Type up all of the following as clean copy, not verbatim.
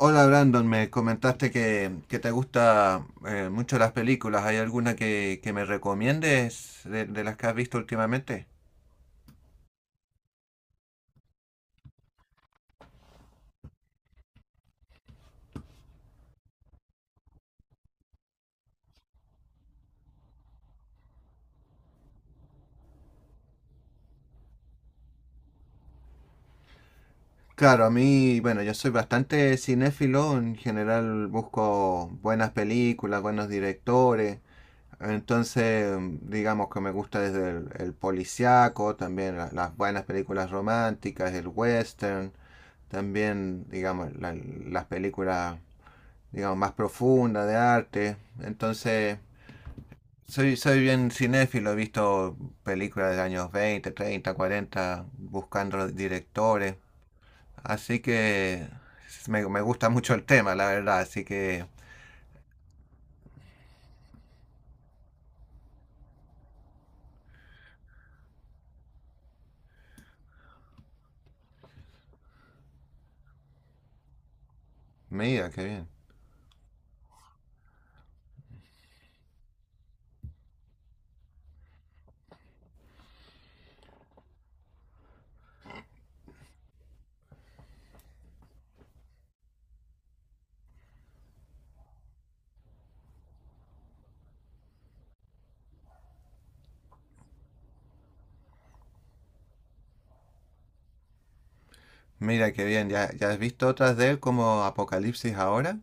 Hola Brandon, me comentaste que te gusta mucho las películas. ¿Hay alguna que me recomiendes de las que has visto últimamente? Claro, a mí, bueno, yo soy bastante cinéfilo, en general busco buenas películas, buenos directores, entonces digamos que me gusta desde el policíaco, también las buenas películas románticas, el western, también digamos las películas digamos más profundas de arte, entonces... Soy bien cinéfilo, he visto películas de años 20 30 40 buscando los directores. Así que me gusta mucho el tema, la verdad. Así que, mira, qué bien. Mira, qué bien. ¿Ya has visto otras de él como Apocalipsis ahora?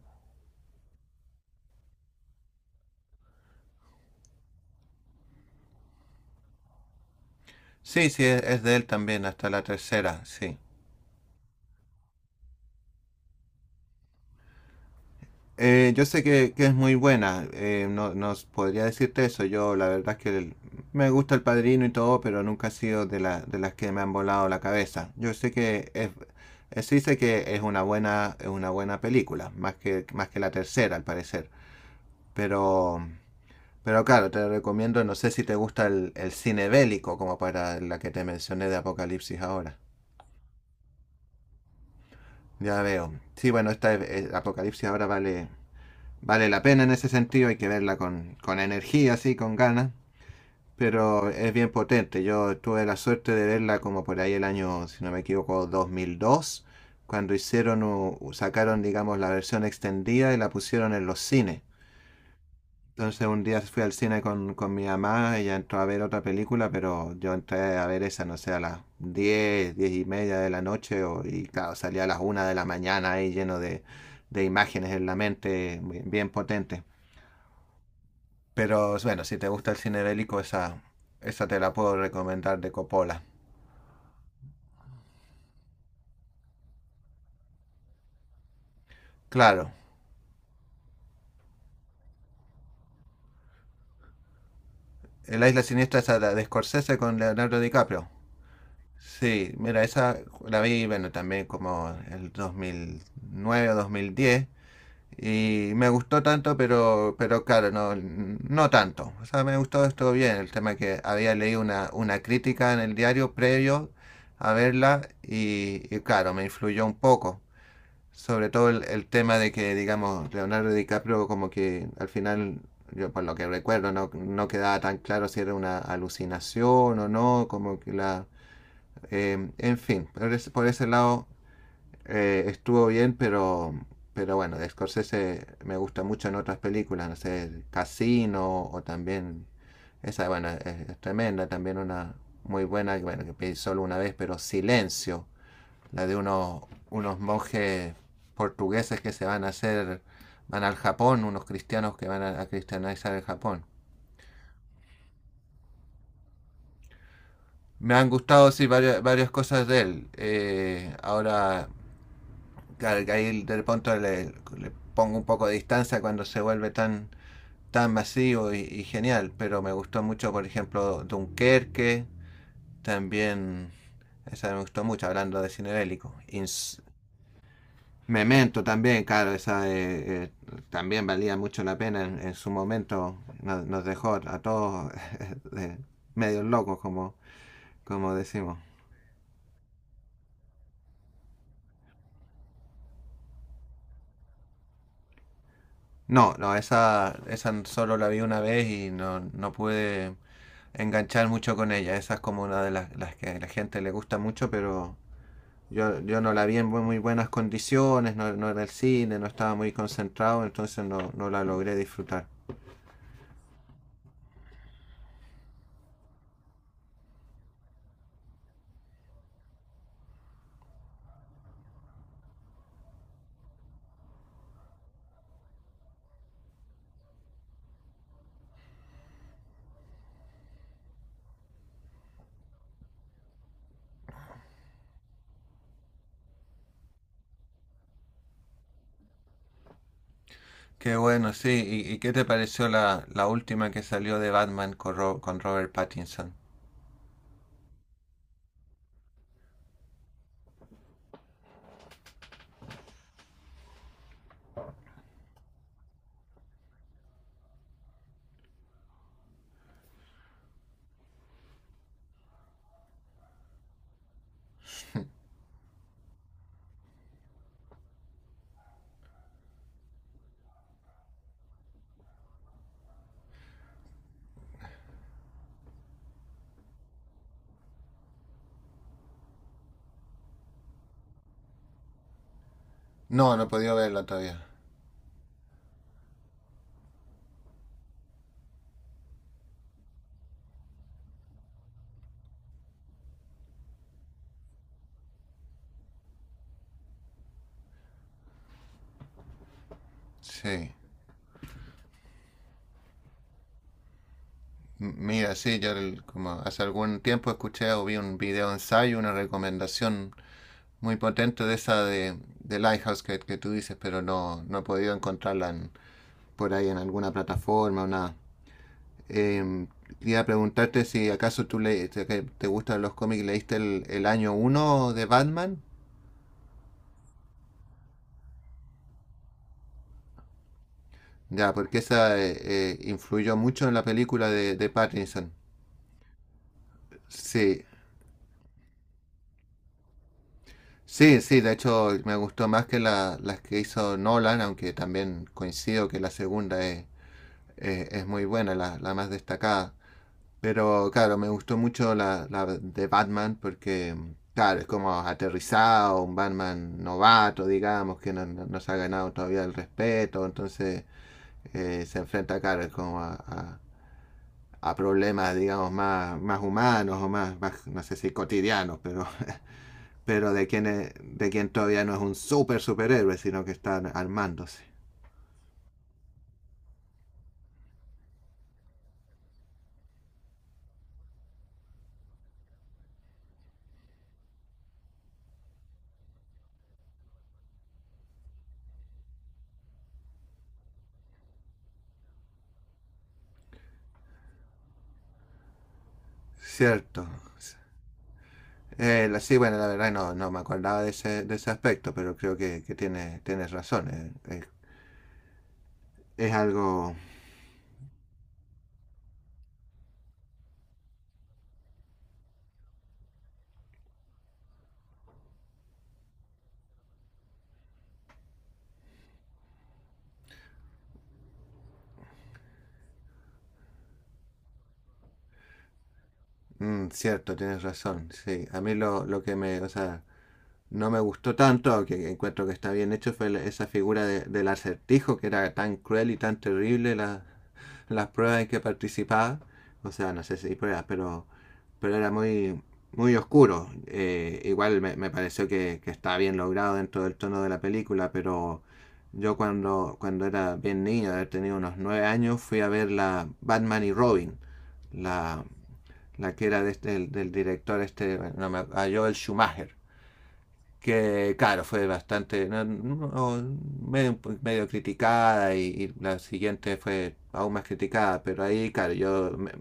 Sí, sí, es de él también, hasta la tercera, sí. Yo sé que es muy buena, no, no podría decirte eso, yo la verdad es que me gusta El Padrino y todo, pero nunca ha sido de, de las que me han volado la cabeza. Yo sé que es, sí sé que es una buena película, más que la tercera al parecer, pero, pero claro, te recomiendo, no sé si te gusta el cine bélico como para la que te mencioné de Apocalipsis ahora. Ya veo. Sí, bueno, Apocalipsis ahora vale, vale la pena en ese sentido, hay que verla con energía, así, con ganas, pero es bien potente. Yo tuve la suerte de verla como por ahí el año, si no me equivoco, 2002 cuando hicieron, sacaron, digamos, la versión extendida y la pusieron en los cines. Entonces un día fui al cine con mi mamá, ella entró a ver otra película, pero yo entré a ver esa, no sé, a las 10 10 y media de la noche, y claro, salía a las una de la mañana ahí lleno de imágenes en la mente bien, bien potentes. Pero bueno, si te gusta el cine bélico, esa te la puedo recomendar de Coppola. Claro, La Isla Siniestra esa de Scorsese con Leonardo DiCaprio. Sí, mira, esa la vi, bueno, también como el 2009 o 2010. Y me gustó tanto, pero claro, no, no tanto. O sea, me gustó, estuvo bien. El tema que había leído una crítica en el diario previo a verla y claro, me influyó un poco. Sobre todo el tema de que, digamos, Leonardo DiCaprio como que al final, yo por lo que recuerdo, no, no quedaba tan claro si era una alucinación o no, como que la... en fin, por ese lado estuvo bien, pero bueno, de Scorsese me gusta mucho en otras películas, no sé, Casino o también... Esa, bueno, es tremenda, también una muy buena, bueno, que pedí solo una vez, pero Silencio la de unos, unos monjes portugueses que se van a hacer, van al Japón, unos cristianos que van a cristianizar el Japón. Me han gustado, sí, varias, varias cosas de él. Ahora, ahí del punto pongo un poco de distancia cuando se vuelve tan, tan masivo y genial, pero me gustó mucho, por ejemplo, Dunkerque, también esa me gustó mucho, hablando de cine bélico. Ins Memento también, claro, esa también valía mucho la pena en su momento. Dejó a todos eh, medios locos, como, como decimos. No, no, esa solo la vi una vez y no, no pude enganchar mucho con ella. Esa es como una de las que a la gente le gusta mucho, pero yo no la vi en muy, muy buenas condiciones, no, no, era el cine, no estaba muy concentrado, entonces no, no la logré disfrutar. Qué bueno, sí. Y qué te pareció la, la última que salió de Batman con, con Robert Pattinson? No, no he podido verla todavía. Sí. Mira, sí, yo como hace algún tiempo escuché o vi un video ensayo, una recomendación muy potente de esa de Lighthouse que tú dices, pero no, no he podido encontrarla por ahí en alguna plataforma o nada. Em, Quería preguntarte si acaso tú que te gustan los cómics, ¿leíste el año uno de Batman? Ya, porque esa influyó mucho en la película de Pattinson. Sí, sí, sí, de hecho me gustó más que las que hizo Nolan, aunque también coincido que la segunda es, es muy buena, la más destacada. Pero claro, me gustó mucho la, la de Batman porque, claro, es como aterrizado, un Batman novato, digamos, que no, no se ha ganado todavía el respeto, entonces se enfrenta, claro, es como a problemas, digamos, más, más humanos o más, más, no sé si cotidianos, pero, pero de, quien es, de quien todavía no es un super superhéroe, sino que están armándose. Cierto. Sí, bueno, la verdad no, no me acordaba de ese aspecto, pero creo que tiene, tienes razón. Es algo... Mm, cierto, tienes razón. Sí, a mí lo que me... O sea, no me gustó tanto, aunque encuentro que está bien hecho, fue esa figura del acertijo, que era tan cruel y tan terrible las pruebas en que participaba. O sea, no sé si hay pruebas, pero era muy, muy oscuro. Igual me, me pareció que estaba bien logrado dentro del tono de la película, pero yo cuando, cuando era bien niño, de haber tenido unos nueve años, fui a ver la Batman y Robin, la, la que era de del, del director este, no me- a Joel Schumacher que claro, fue bastante no, no, medio, medio criticada y la siguiente fue aún más criticada, pero ahí, claro, yo me,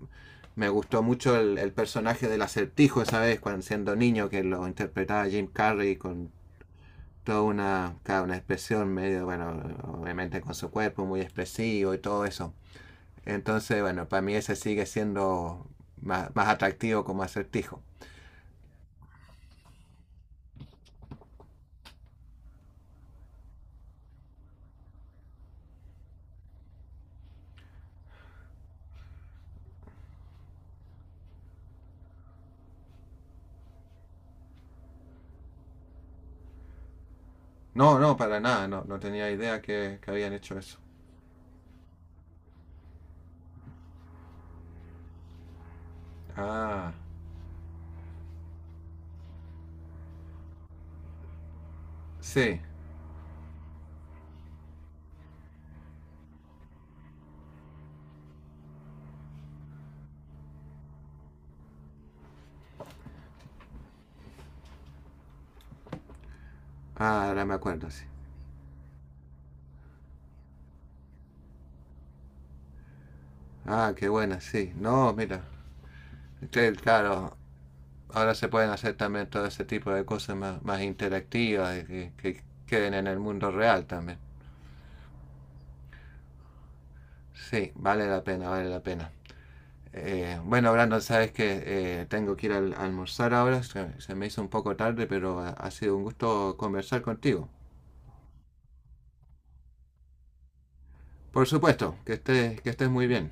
me gustó mucho el personaje del acertijo esa vez, cuando siendo niño, que lo interpretaba Jim Carrey con toda una, claro, una expresión medio, bueno, obviamente con su cuerpo muy expresivo y todo eso. Entonces, bueno, para mí ese sigue siendo más, más atractivo como acertijo. No, no, para nada, no, no tenía idea que habían hecho eso. Ah, sí. Ah, ahora me acuerdo, sí. Ah, qué buena, sí. No, mira. Que, claro, ahora se pueden hacer también todo ese tipo de cosas más, más interactivas y que queden en el mundo real también. Sí, vale la pena, vale la pena. Bueno, Brandon, sabes que tengo que ir a almorzar ahora. Se me hizo un poco tarde, pero ha, ha sido un gusto conversar contigo. Por supuesto, que estés muy bien.